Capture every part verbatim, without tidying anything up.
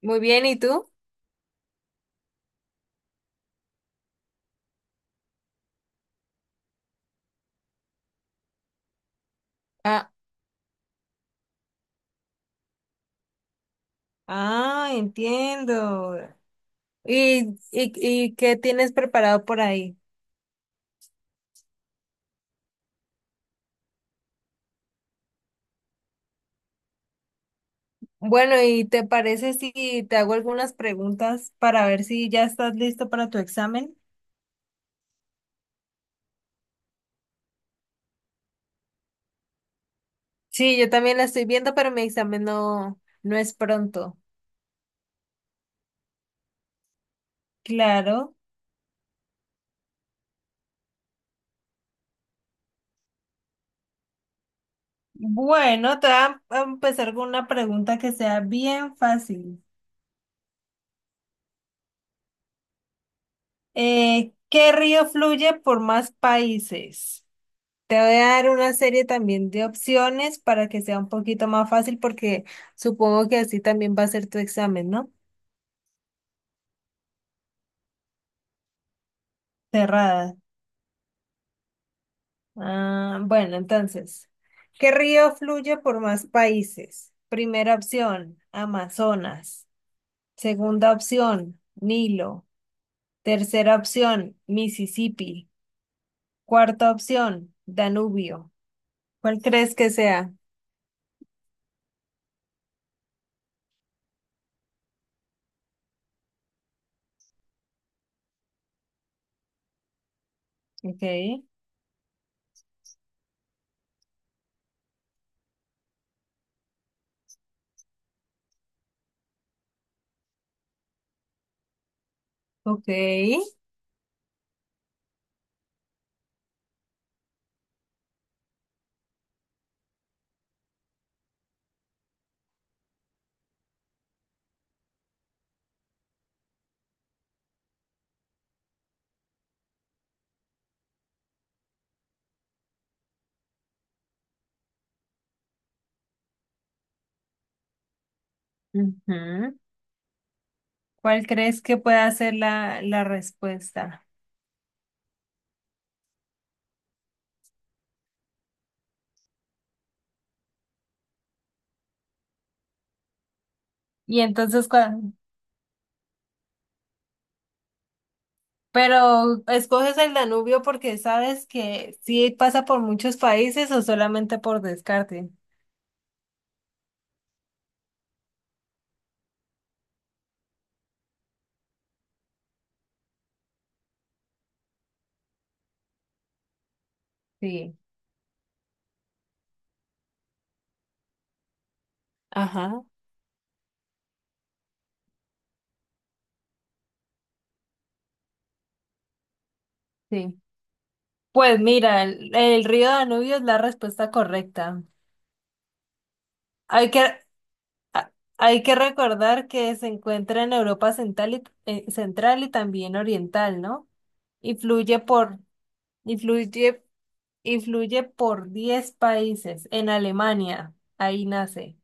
Muy bien, ¿y tú? Ah, Ah, entiendo. ¿y, y, y qué tienes preparado por ahí? Bueno, ¿y te parece si te hago algunas preguntas para ver si ya estás listo para tu examen? Sí, yo también la estoy viendo, pero mi examen no, no es pronto. Claro. Bueno, te voy a a empezar con una pregunta que sea bien fácil. Eh, ¿qué río fluye por más países? Te voy a dar una serie también de opciones para que sea un poquito más fácil porque supongo que así también va a ser tu examen, ¿no? Cerrada. Ah, bueno, entonces, ¿qué río fluye por más países? Primera opción, Amazonas. Segunda opción, Nilo. Tercera opción, Mississippi. Cuarta opción, Danubio. ¿Cuál crees que sea? Ok, ok. Ujú. ¿Cuál crees que pueda ser la, la respuesta? Y entonces, cua- pero ¿escoges el Danubio porque sabes que sí pasa por muchos países o solamente por descarte? Sí, Ajá. Sí. Pues mira, el, el río Danubio es la respuesta correcta. Hay que, a- hay que recordar que se encuentra en Europa central y, eh, central y también oriental, ¿no? Y fluye por, influye Influye por diez países en Alemania. Ahí nace.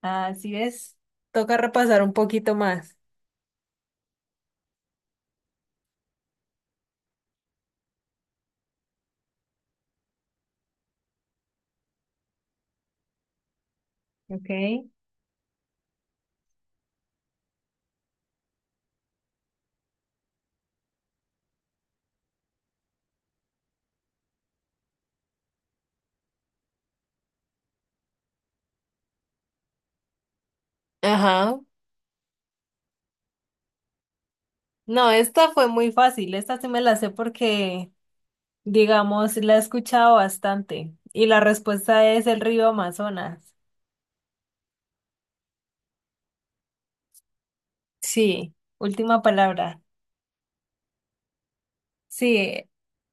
Así es. Toca repasar un poquito más. Ok. Ajá. No, esta fue muy fácil. Esta sí me la sé porque, digamos, la he escuchado bastante. Y la respuesta es el río Amazonas. Sí, última palabra. Sí.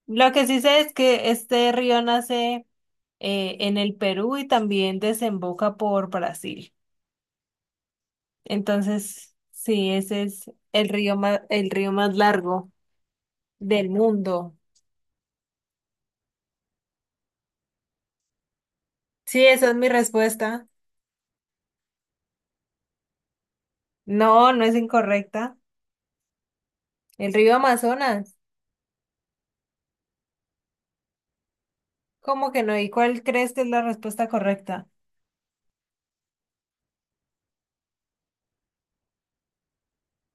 Lo que sí sé es que este río nace eh, en el Perú y también desemboca por Brasil. Entonces, sí, ese es el río más, el río más largo del mundo. Sí, esa es mi respuesta. No, no es incorrecta. El río Amazonas. ¿Cómo que no? ¿Y cuál crees que es la respuesta correcta?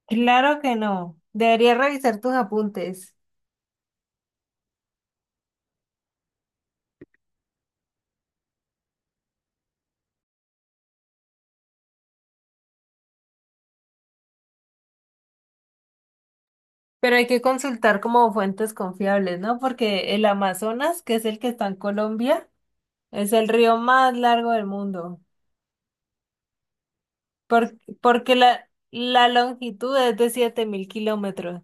Claro que no. Deberías revisar tus apuntes, pero hay que consultar como fuentes confiables, ¿no? Porque el Amazonas, que es el que está en Colombia, es el río más largo del mundo, por- porque la, la longitud es de siete mil kilómetros.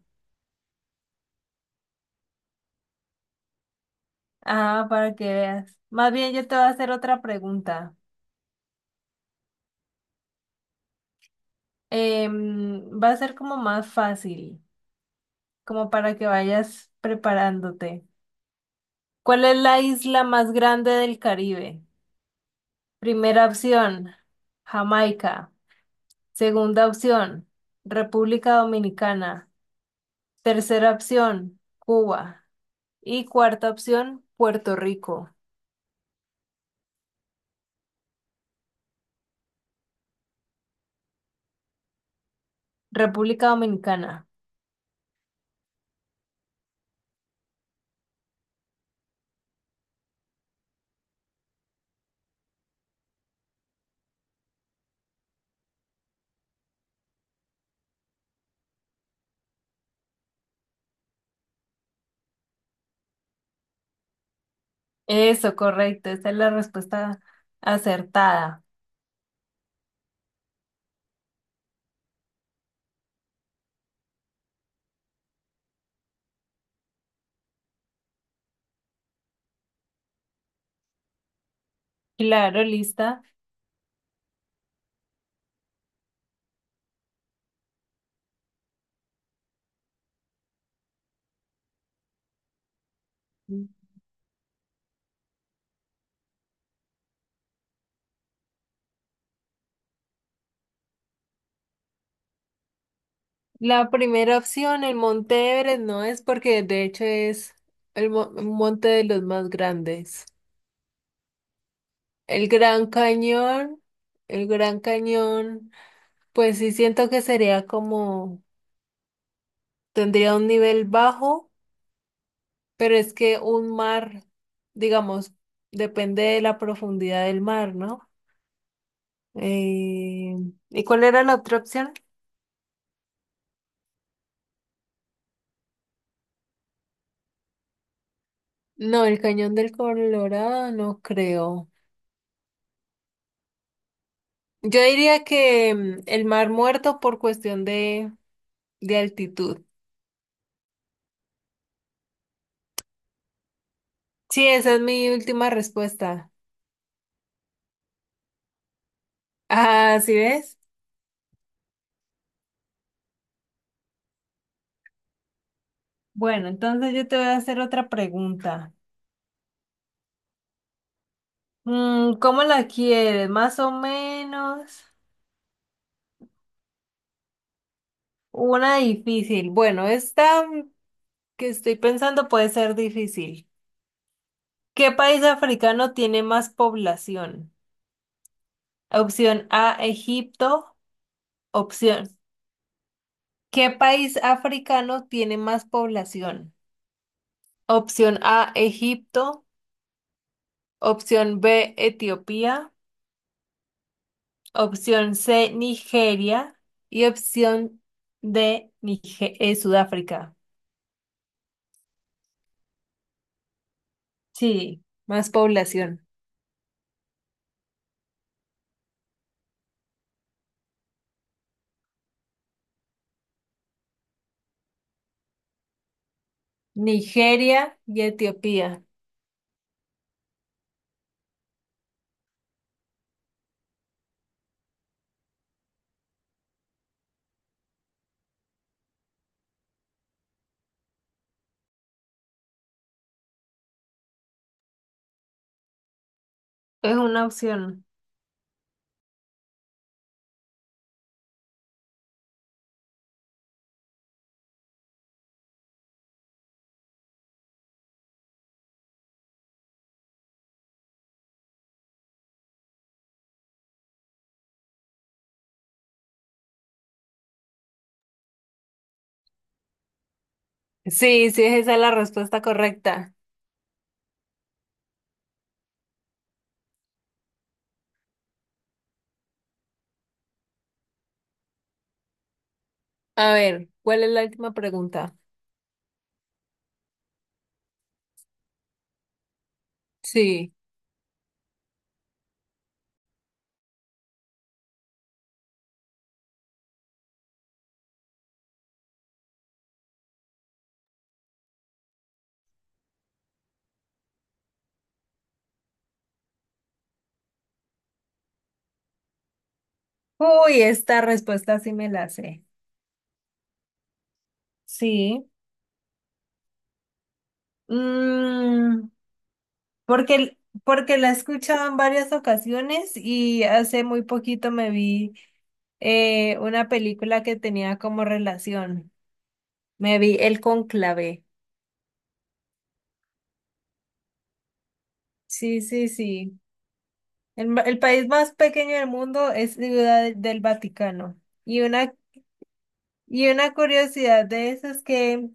Ah, para que veas. Más bien yo te voy a hacer otra pregunta. Em, va a ser como más fácil, como para que vayas preparándote. ¿Cuál es la isla más grande del Caribe? Primera opción, Jamaica. Segunda opción, República Dominicana. Tercera opción, Cuba. Y cuarta opción, Puerto Rico, República Dominicana. Eso, correcto. Esa es la respuesta acertada. Claro, lista. La primera opción, el Monte Everest, no es porque de hecho es el mo- un monte de los más grandes. El Gran Cañón, el Gran Cañón, pues sí siento que sería como, tendría un nivel bajo, pero es que un mar, digamos, depende de la profundidad del mar, ¿no? Eh, ¿y cuál era la otra opción? No, el Cañón del Colorado, no creo. Yo diría que mm, el Mar Muerto por cuestión de, de altitud. Sí, esa es mi última respuesta. Ah, ¿sí ves? Bueno, entonces yo te voy a hacer otra pregunta. Mm, ¿cómo la quieres? Más o menos. Una difícil. Bueno, esta mm, que estoy pensando puede ser difícil. ¿Qué país africano tiene más población? Opción A, Egipto. Opción. ¿Qué país africano tiene más población? Opción A, Egipto. Opción B, Etiopía. Opción C, Nigeria. Y opción D, Nige- eh, Sudáfrica. Sí, más población. Nigeria y Etiopía. Es una opción. Sí, sí, esa es la respuesta correcta. A ver, ¿cuál es la última pregunta? Sí. Uy, esta respuesta sí me la sé. Sí. Mm. Porque, porque la he escuchado en varias ocasiones y hace muy poquito me vi eh, una película que tenía como relación. Me vi El Cónclave. Sí, sí, sí. El, ma- el país más pequeño del mundo es Ciudad del Vaticano. Y una, y una curiosidad de eso es que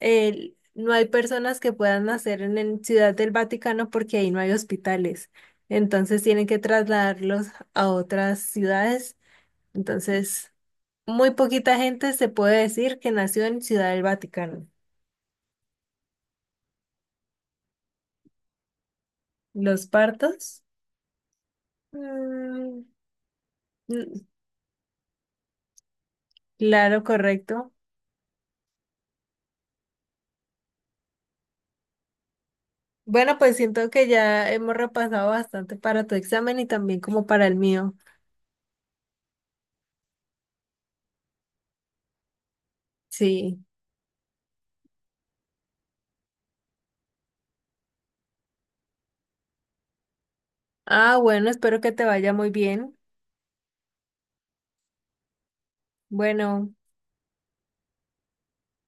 eh, no hay personas que puedan nacer en, en Ciudad del Vaticano porque ahí no hay hospitales. Entonces tienen que trasladarlos a otras ciudades. Entonces, muy poquita gente se puede decir que nació en Ciudad del Vaticano. Los partos. Mm, mm, claro, correcto. Bueno, pues siento que ya hemos repasado bastante para tu examen y también como para el mío. Sí. Ah, bueno, espero que te vaya muy bien. Bueno.